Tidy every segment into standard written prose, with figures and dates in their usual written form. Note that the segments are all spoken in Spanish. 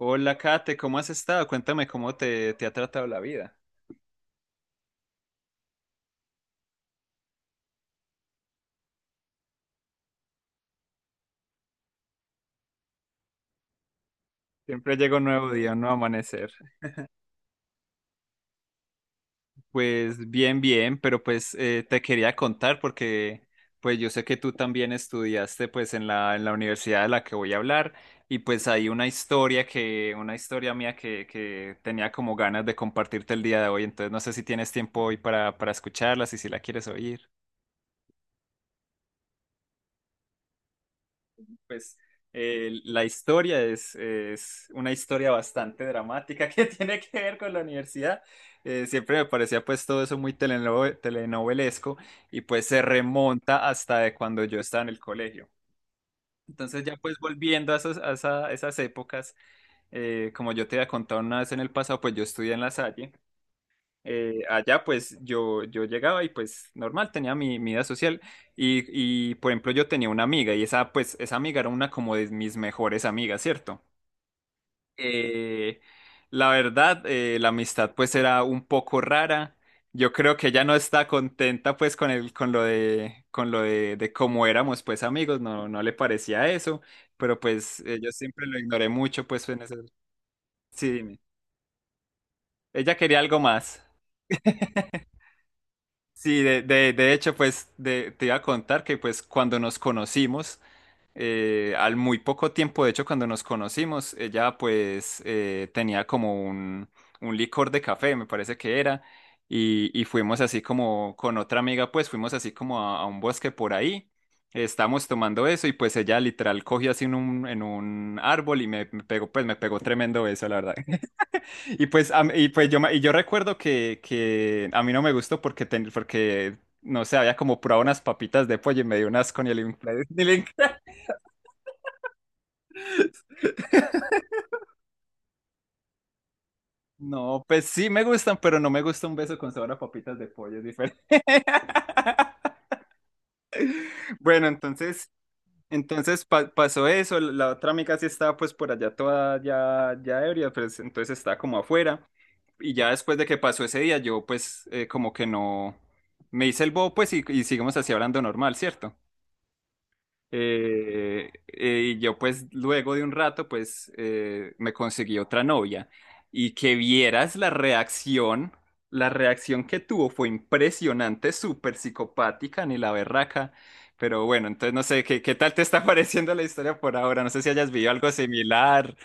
Hola, Kate, ¿cómo has estado? Cuéntame cómo te ha tratado la vida. Siempre llega un nuevo día, un nuevo amanecer. Pues bien, bien, pero te quería contar porque pues yo sé que tú también estudiaste pues en la universidad de la que voy a hablar y pues hay una historia una historia mía que tenía como ganas de compartirte el día de hoy. Entonces no sé si tienes tiempo hoy para escucharla, si la quieres oír. pues la historia es una historia bastante dramática que tiene que ver con la universidad. Siempre me parecía pues todo eso muy telenovelesco y pues se remonta hasta de cuando yo estaba en el colegio. Entonces ya pues volviendo a esas épocas, como yo te había contado una vez en el pasado, pues yo estudié en La Salle. Allá pues yo llegaba y pues normal, tenía mi vida social y por ejemplo yo tenía una amiga y esa amiga era una como de mis mejores amigas, ¿cierto? Eh, la verdad, la amistad pues era un poco rara. Yo creo que ella no está contenta pues con el, con lo de cómo éramos pues amigos, no, no le parecía eso, pero yo siempre lo ignoré mucho pues en ese... Sí, dime. Ella quería algo más. Sí, de hecho, te iba a contar que pues cuando nos conocimos, al muy poco tiempo, de hecho, cuando nos conocimos, ella tenía como un licor de café, me parece que era, y fuimos así como con otra amiga, pues fuimos así como a un bosque por ahí, estábamos tomando eso y pues ella literal cogió así en un árbol y me pegó, pues me pegó tremendo eso, la verdad. Y pues, a mí- y pues yo, me- y yo recuerdo que a mí no me gustó porque, porque no sé, había como probado unas papitas de pollo y me dio un asco ni el ni el No, pues sí me gustan, pero no me gusta un beso con sabor a papitas de pollo, es diferente. Bueno, entonces pasó eso, la otra amiga sí estaba pues por allá toda ya, ya ebria, pues entonces estaba como afuera. Y ya después de que pasó ese día, yo como que no, me hice el bobo pues y seguimos así hablando normal, ¿cierto? Y yo pues luego de un rato, me conseguí otra novia y que vieras la reacción que tuvo fue impresionante, súper psicopática, ni la berraca, pero bueno, entonces no sé, ¿qué, qué tal te está pareciendo la historia por ahora? No sé si hayas vivido algo similar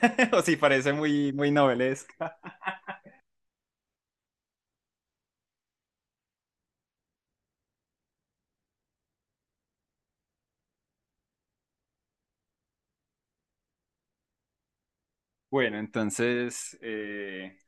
o si parece muy, muy novelesca. Bueno, entonces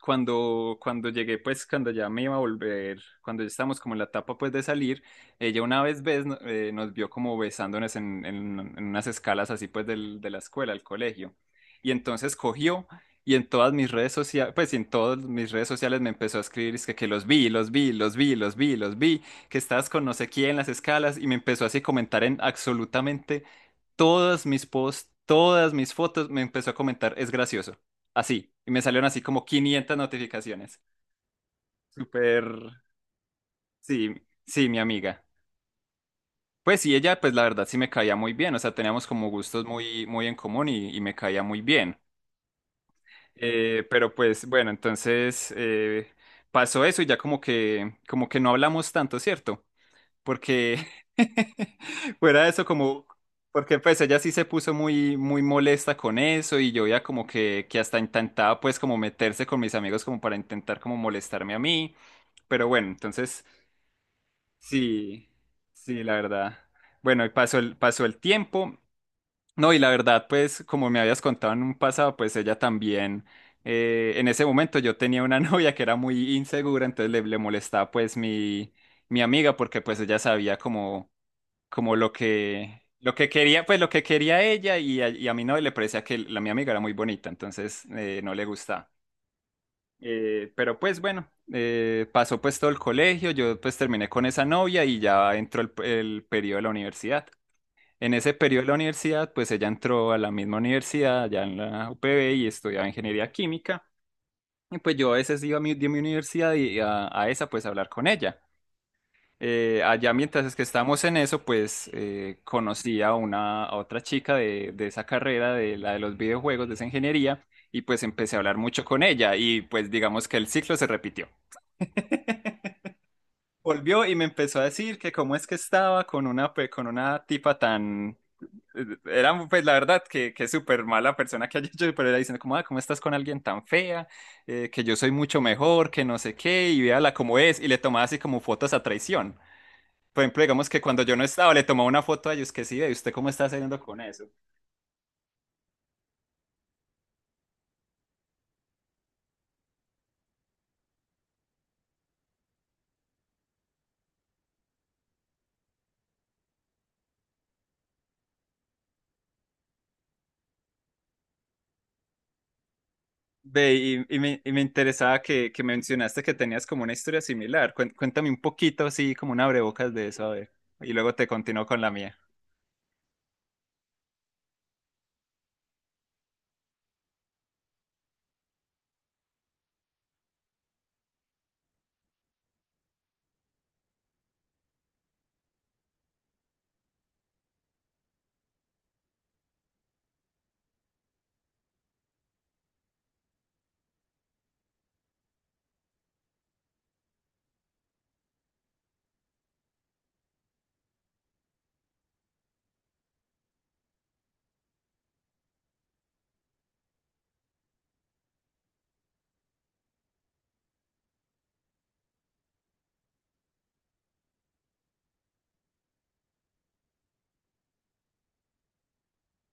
cuando llegué, pues cuando ya me iba a volver, cuando ya estábamos como en la etapa pues de salir, ella una vez ves, no- nos vio como besándonos en unas escalas así pues de la escuela, al colegio. Y entonces cogió y en todas mis redes sociales, pues y en todas mis redes sociales me empezó a escribir, es que los vi, los vi, los vi, los vi, los vi, que estabas con no sé quién en las escalas y me empezó así a comentar en absolutamente todas mis posts, todas mis fotos, me empezó a comentar, es gracioso así. Y me salieron así como 500 notificaciones. Súper, sí, sí, mi amiga. Pues sí, ella, pues la verdad sí me caía muy bien, o sea, teníamos como gustos muy, muy en común y me caía muy bien. Pero pues bueno, entonces pasó eso y ya como que no hablamos tanto, ¿cierto? Porque fuera de eso como porque pues ella sí se puso muy molesta con eso y yo ya como que hasta intentaba pues como meterse con mis amigos como para intentar como molestarme a mí, pero bueno, entonces sí sí la verdad. Bueno, y pasó el tiempo. No, y la verdad pues como me habías contado en un pasado, pues ella también en ese momento yo tenía una novia que era muy insegura, entonces le molestaba pues mi amiga porque pues ella sabía como como lo que quería, pues lo que quería ella y y a mí no le parecía que la mi amiga era muy bonita, entonces no le gustaba. Pero pues bueno, pasó pues todo el colegio, yo pues terminé con esa novia y ya entró el periodo de la universidad. En ese periodo de la universidad, pues ella entró a la misma universidad, ya en la UPB y estudiaba ingeniería química. Y pues yo a veces iba a de mi universidad y a esa pues a hablar con ella. Allá mientras es que estábamos en eso, conocí a una a otra chica de esa carrera, de la de los videojuegos, de esa ingeniería, y pues empecé a hablar mucho con ella y pues digamos que el ciclo se repitió. Volvió y me empezó a decir que cómo es que estaba con una, pues, con una tipa tan... Era pues la verdad que súper mala persona que haya hecho, pero era diciendo como, ah, ¿cómo estás con alguien tan fea? Que yo soy mucho mejor, que no sé qué, y véala cómo es, y le tomaba así como fotos a traición. Por ejemplo, digamos que cuando yo no estaba, le tomaba una foto a ellos que sí, ve, ¿usted cómo está saliendo con eso? Ve, y y me interesaba que mencionaste que tenías como una historia similar. Cuéntame un poquito, así como un abrebocas de eso, a ver. Y luego te continúo con la mía.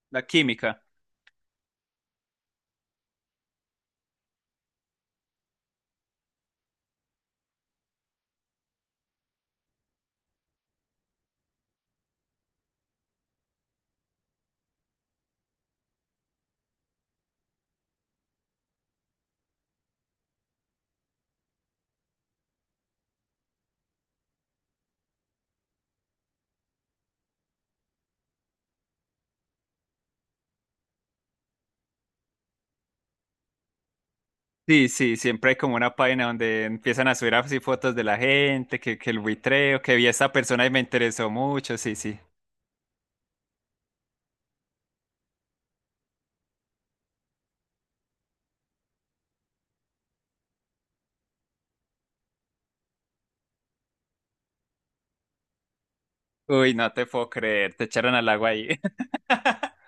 La química. Sí, sí, siempre hay como una página donde empiezan a subir así fotos de la gente, que el buitreo, que vi a esta persona y me interesó mucho, sí, sí. Uy, no te puedo creer, te echaron al agua ahí.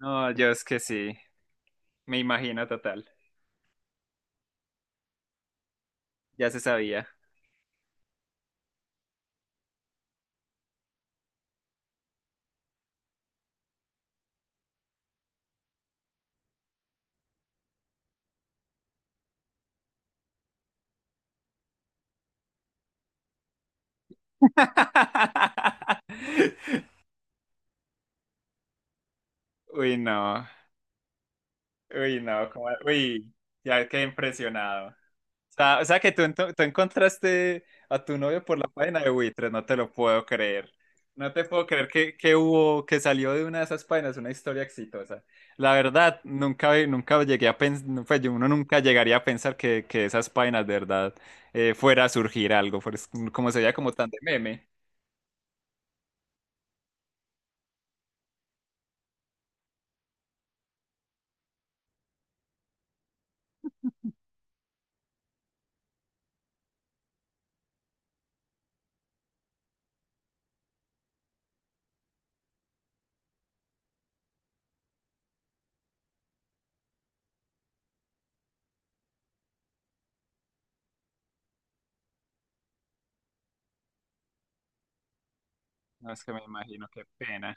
No, yo es que sí, me imagino total, ya se sabía. Uy, no. Uy, no. Uy, ya quedé impresionado. O sea que tú, tú encontraste a tu novio por la página de Buitres, no te lo puedo creer. No te puedo creer que hubo, que salió de una de esas páginas una historia exitosa. La verdad, nunca, nunca llegué a pensar, uno nunca llegaría a pensar que esas páginas de verdad fuera a surgir algo, como sería como tan de meme. No, es que me imagino, qué pena.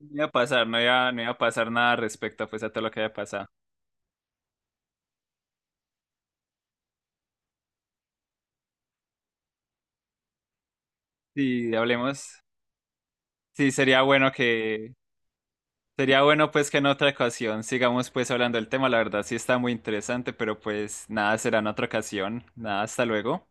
No iba a pasar, no iba, no iba a pasar nada respecto pues a todo lo que haya pasado. Si hablemos, sí sería bueno que sería bueno pues que en otra ocasión sigamos pues hablando del tema, la verdad sí está muy interesante, pero pues nada, será en otra ocasión. Nada, hasta luego.